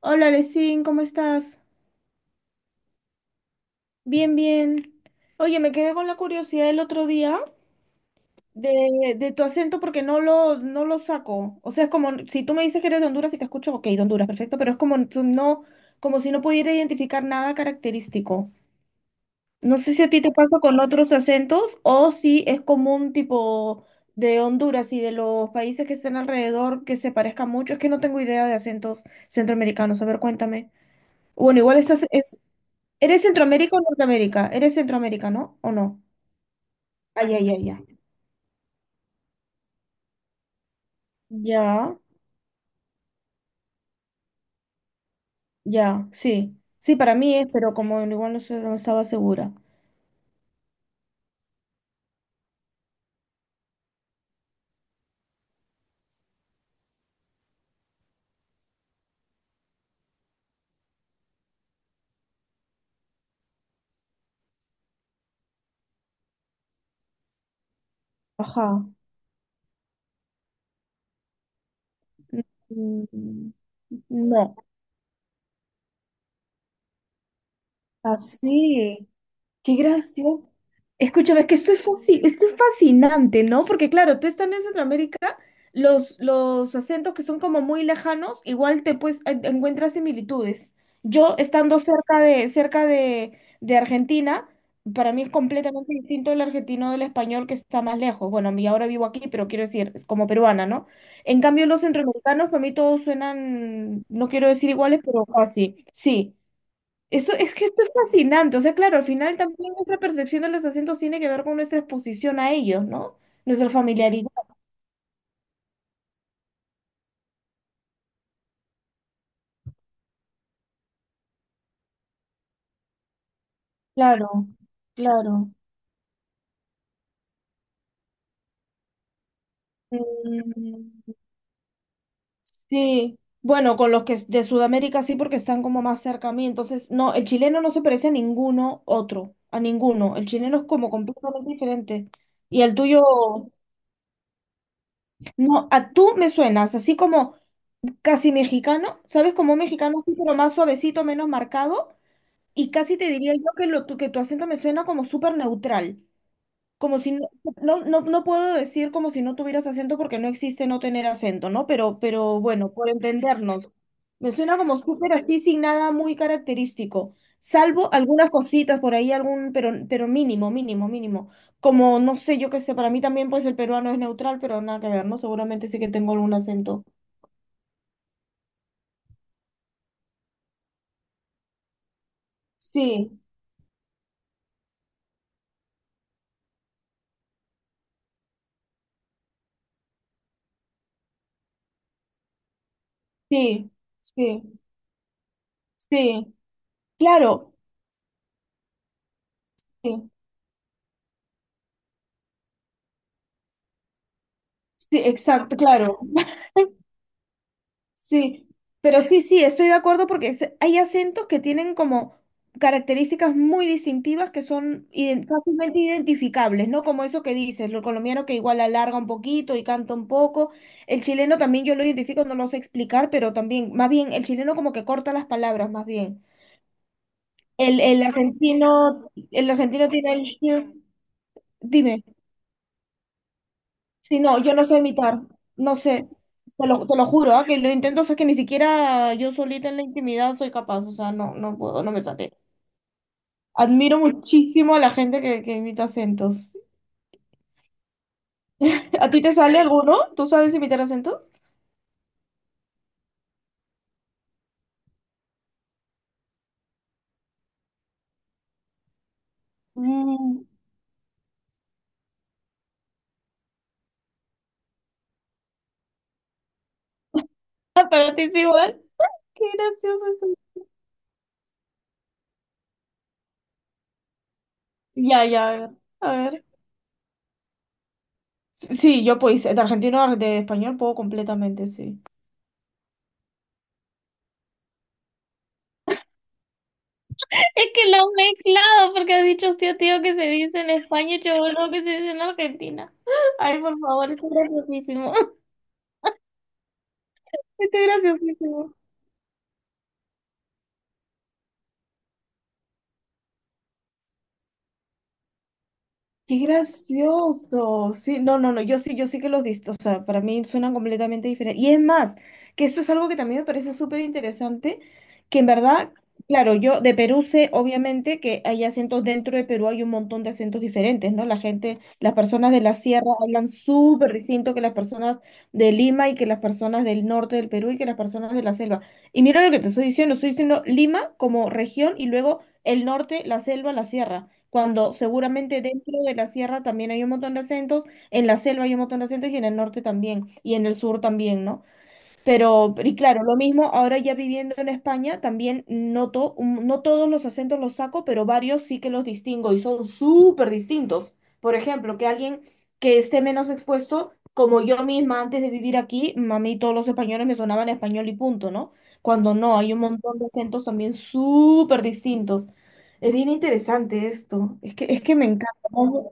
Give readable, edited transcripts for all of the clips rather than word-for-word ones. Hola, Lesin, ¿cómo estás? Bien, bien. Oye, me quedé con la curiosidad el otro día de tu acento porque no lo saco. O sea, es como si tú me dices que eres de Honduras y te escucho, ok, de Honduras, perfecto, pero es como tú no, como si no pudiera identificar nada característico. No sé si a ti te pasa con otros acentos o si es común tipo de Honduras y de los países que están alrededor que se parezcan mucho. Es que no tengo idea de acentos centroamericanos. A ver, cuéntame. Bueno, igual estás, ¿eres Centroamérica o Norteamérica? ¿Eres Centroamérica, no? ¿O no? Ay, ay, ay, ay. Ya, ya, sí. Sí, para mí es, pero como igual no, sé, no estaba segura. Ajá. Mm, mm, no. Así. Qué gracioso. Escúchame, es que estoy estoy fascinante, ¿no? Porque claro, tú estando en Centroamérica, los acentos que son como muy lejanos, igual te pues encuentras similitudes. Yo estando cerca de Argentina, para mí es completamente distinto el argentino del español que está más lejos. Bueno, a mí ahora vivo aquí, pero quiero decir, es como peruana, ¿no? En cambio, los centroamericanos, para mí todos suenan, no quiero decir iguales, pero casi. Sí. Eso es que esto es fascinante. O sea, claro, al final también nuestra percepción de los acentos tiene que ver con nuestra exposición a ellos, ¿no? Nuestra familiaridad. Claro, claro. Mm, sí. Bueno, con los que es de Sudamérica sí, porque están como más cerca a mí. Entonces, no, el chileno no se parece a ninguno otro, a ninguno. El chileno es como completamente diferente. Y el tuyo, no, a tú me suenas, así como casi mexicano, ¿sabes? Como un mexicano así, pero más suavecito, menos marcado. Y casi te diría yo que, lo, que tu acento me suena como súper neutral, como si no, no, no, no puedo decir como si no tuvieras acento porque no existe no tener acento, ¿no? Pero bueno, por entendernos, me suena como súper así sin nada muy característico, salvo algunas cositas por ahí, algún, pero mínimo, mínimo, mínimo. Como, no sé, yo qué sé, para mí también pues el peruano es neutral, pero nada que ver, ¿no? Seguramente sí que tengo algún acento. Sí, sí, sí, sí, claro. Sí. Sí, exacto, claro. Sí, pero sí, sí, estoy de acuerdo porque hay acentos que tienen como características muy distintivas que son fácilmente identificables, ¿no? Como eso que dices, lo colombiano que igual alarga un poquito y canta un poco. El chileno también yo lo identifico, no lo sé explicar, pero también, más bien, el chileno como que corta las palabras, más bien. El argentino, el argentino tiene el... Dime. Sí, no, yo no sé imitar, no sé, te lo juro, ah, que lo intento, o sea, que ni siquiera yo solita en la intimidad soy capaz, o sea, no, no puedo, no me sale. Admiro muchísimo a la gente que imita acentos. ¿A ti te sale alguno? ¿Tú sabes imitar acentos? Mm, ah, para ti es igual. Qué gracioso eso. Ya, ya, a ver. A ver. Sí, yo pues, de argentino a de español puedo completamente, sí. Es que lo has mezclado porque has dicho tío, tío que se dice en España y cholo que se dice en Argentina. Ay, por favor, esto es graciosísimo. Esto es graciosísimo. Qué gracioso. Sí, no, no, no, yo sí, yo sí que los visto. O sea, para mí suenan completamente diferentes. Y es más, que esto es algo que también me parece súper interesante, que en verdad, claro, yo de Perú sé obviamente que hay acentos dentro de Perú, hay un montón de acentos diferentes, ¿no? La gente, las personas de la sierra hablan súper distinto que las personas de Lima y que las personas del norte del Perú y que las personas de la selva. Y mira lo que te estoy diciendo Lima como región y luego el norte, la selva, la sierra cuando seguramente dentro de la sierra también hay un montón de acentos, en la selva hay un montón de acentos y en el norte también, y en el sur también, ¿no? Pero, y claro, lo mismo, ahora ya viviendo en España, también noto, no todos los acentos los saco, pero varios sí que los distingo y son súper distintos. Por ejemplo, que alguien que esté menos expuesto, como yo misma antes de vivir aquí, a mí todos los españoles me sonaban español y punto, ¿no? Cuando no, hay un montón de acentos también súper distintos. Es bien interesante esto, es que me encanta. ¿No?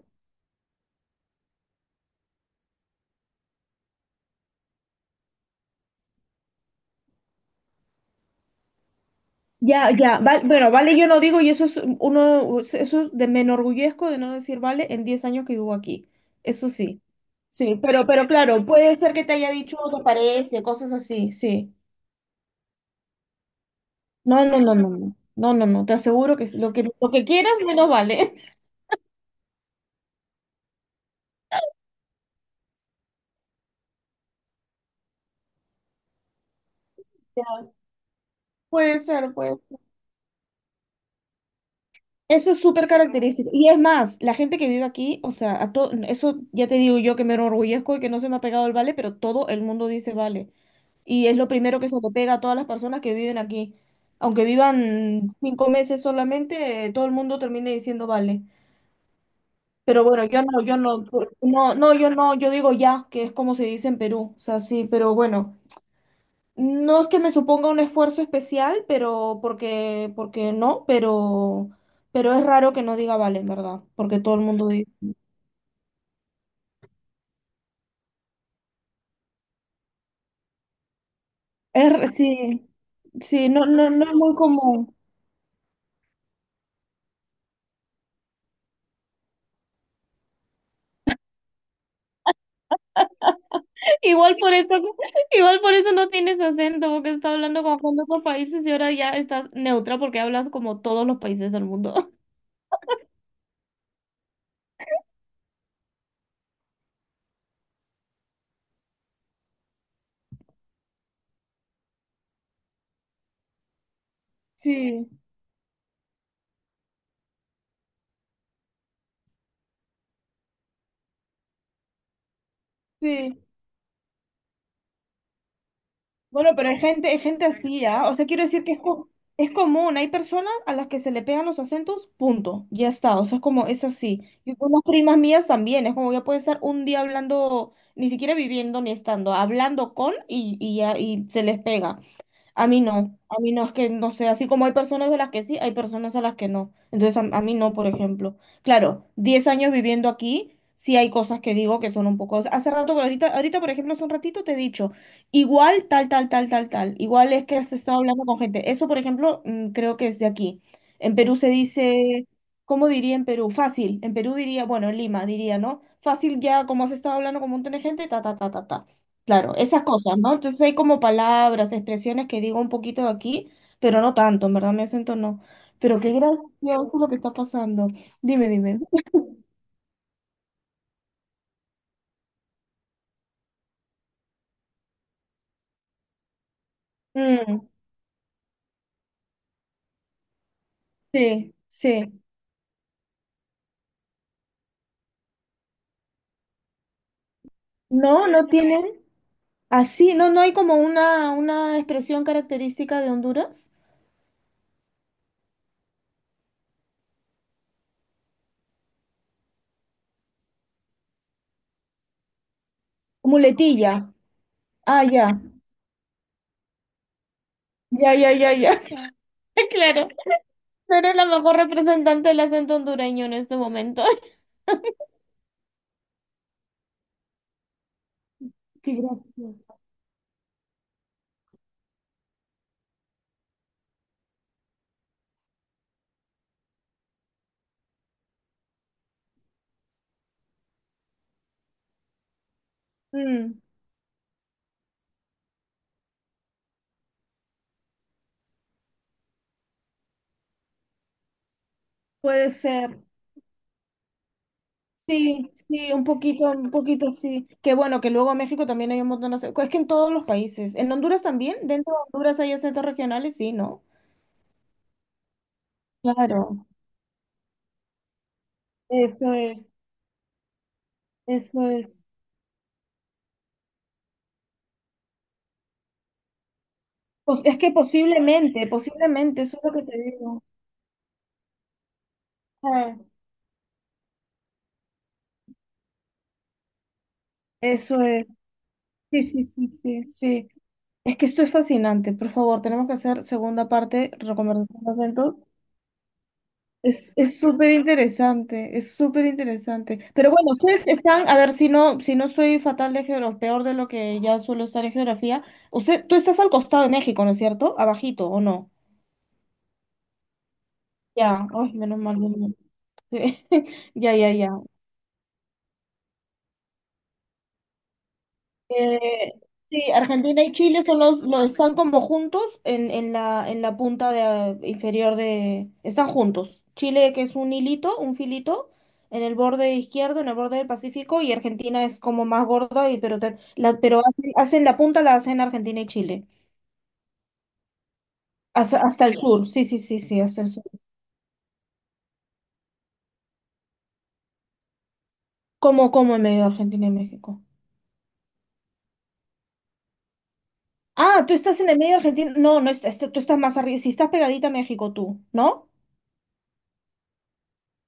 Ya, ya, bueno, vale, yo no digo, y eso es uno, eso de, me enorgullezco de no decir vale en 10 años que vivo aquí. Eso sí. Sí, pero claro, puede ser que te haya dicho, te parece, cosas así, sí. No, no, no, no, no, no, no, no, te aseguro que lo que, lo que quieras menos vale. Ya, puede ser, puede ser. Eso es súper característico. Y es más, la gente que vive aquí, o sea, eso ya te digo yo que me enorgullezco y que no se me ha pegado el vale, pero todo el mundo dice vale. Y es lo primero que se le pega a todas las personas que viven aquí. Aunque vivan 5 meses solamente, todo el mundo termina diciendo vale. Pero bueno, yo no, yo no, no, no, yo no, yo digo ya, que es como se dice en Perú. O sea, sí, pero bueno, no es que me suponga un esfuerzo especial, pero porque, porque no, pero es raro que no diga vale, en verdad, porque todo el mundo dice. Es, sí, sí, no, no, no es muy común. Igual por eso, igual por eso no tienes acento, porque estás hablando como con otros países y ahora ya estás neutra porque hablas como todos los países del mundo. Sí, sí. Bueno, pero hay gente así, ¿ah? O sea, quiero decir que es, es común. Hay personas a las que se le pegan los acentos, punto. Ya está. O sea, es como, es así. Y con las primas mías también. Es como ya puede estar un día hablando, ni siquiera viviendo ni estando, hablando con y ya, y se les pega. A mí no, es que no sé, así como hay personas a las que sí, hay personas a las que no. Entonces a mí no, por ejemplo. Claro, 10 años viviendo aquí, sí hay cosas que digo que son un poco... Hace rato, ahorita, ahorita, por ejemplo, hace un ratito te he dicho, igual tal, tal, tal, tal, tal. Igual es que has estado hablando con gente. Eso, por ejemplo, mm, creo que es de aquí. En Perú se dice, ¿cómo diría en Perú? Fácil. En Perú diría, bueno, en Lima diría, ¿no? Fácil ya, como has estado hablando con un montón de gente, ta, ta, ta, ta, ta. Claro, esas cosas, ¿no? Entonces hay como palabras, expresiones que digo un poquito de aquí, pero no tanto, en verdad, mi acento no. Pero qué gracioso lo que está pasando. Dime, dime. Mm, sí, sí. No, no tienen. Así, no, no hay como una expresión característica de Honduras. Muletilla. Ah, ya. Ya, ya, ya, ya. Claro. No eres la mejor representante del acento hondureño en este momento. Qué gracioso. Mm, puede ser. Sí, sí, un poquito sí. Que bueno, que luego en México también hay un montón de acentos. Es que en todos los países. ¿En Honduras también? ¿Dentro de Honduras hay acentos regionales? Sí, ¿no? Claro, eso es, eso es. Pues es que posiblemente, posiblemente, eso es lo que te digo. Ah, eso es. Sí, sí, sí, sí, sí. Es que esto es fascinante. Por favor, tenemos que hacer segunda parte, recomendación de acentos. Es súper interesante, es súper interesante. Pero bueno, ustedes están, a ver si no, si no soy fatal de geografía, peor de lo que ya suelo estar en geografía. Usted, tú estás al costado de México, ¿no es cierto? Abajito, ¿o no? Ya, ay, menos mal. Menos mal. Ya, ya, ya. Eh, sí, Argentina y Chile son los, están como juntos en la punta de, inferior de... Están juntos. Chile, que es un hilito, un filito, en el borde izquierdo, en el borde del Pacífico, y Argentina es como más gorda, y, pero, la, pero hacen, hacen la punta, la hacen Argentina y Chile. Hasta, hasta el sur, sí, sí, sí, sí, hasta el sur. ¿Cómo, cómo en medio de Argentina y México? Ah, tú estás en el medio de Argentina. No, no, tú estás más arriba. Si estás pegadita a México, tú, ¿no?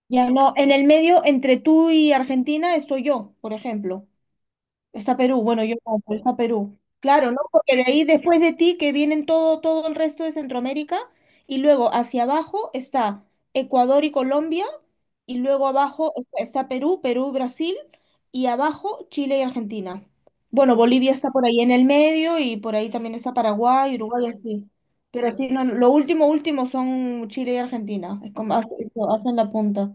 Ya no, en el medio, entre tú y Argentina, estoy yo, por ejemplo. Está Perú, bueno, yo no, pero está Perú. Claro, ¿no? Porque de ahí después de ti que vienen todo, todo el resto de Centroamérica y luego hacia abajo está Ecuador y Colombia y luego abajo está, está Perú, Perú, Brasil y abajo Chile y Argentina. Bueno, Bolivia está por ahí en el medio y por ahí también está Paraguay, Uruguay, así. Pero así no, lo último, último son Chile y Argentina. Es como hacen la punta.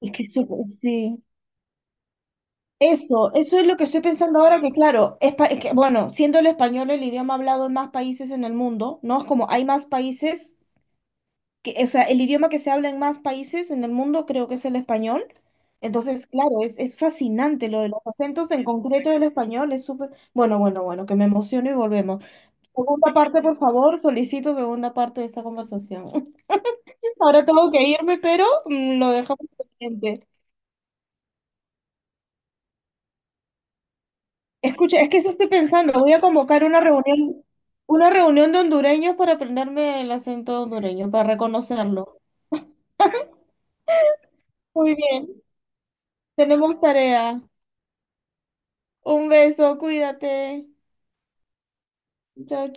Es que eso, sí. Eso es lo que estoy pensando ahora, que claro, es, es que, bueno, siendo el español el idioma hablado en más países en el mundo, ¿no? Es como hay más países, que, o sea, el idioma que se habla en más países en el mundo creo que es el español. Entonces, claro, es fascinante lo de los acentos, en concreto del español, es súper... Bueno, bueno, bueno, que me emociono y volvemos. Segunda parte, por favor, solicito segunda parte de esta conversación. Ahora tengo que irme, pero mm, lo dejamos pendiente. Escucha, es que eso estoy pensando. Voy a convocar una reunión de hondureños para aprenderme el acento hondureño, para reconocerlo. Muy bien, tenemos tarea. Un beso, cuídate. Chao, chao.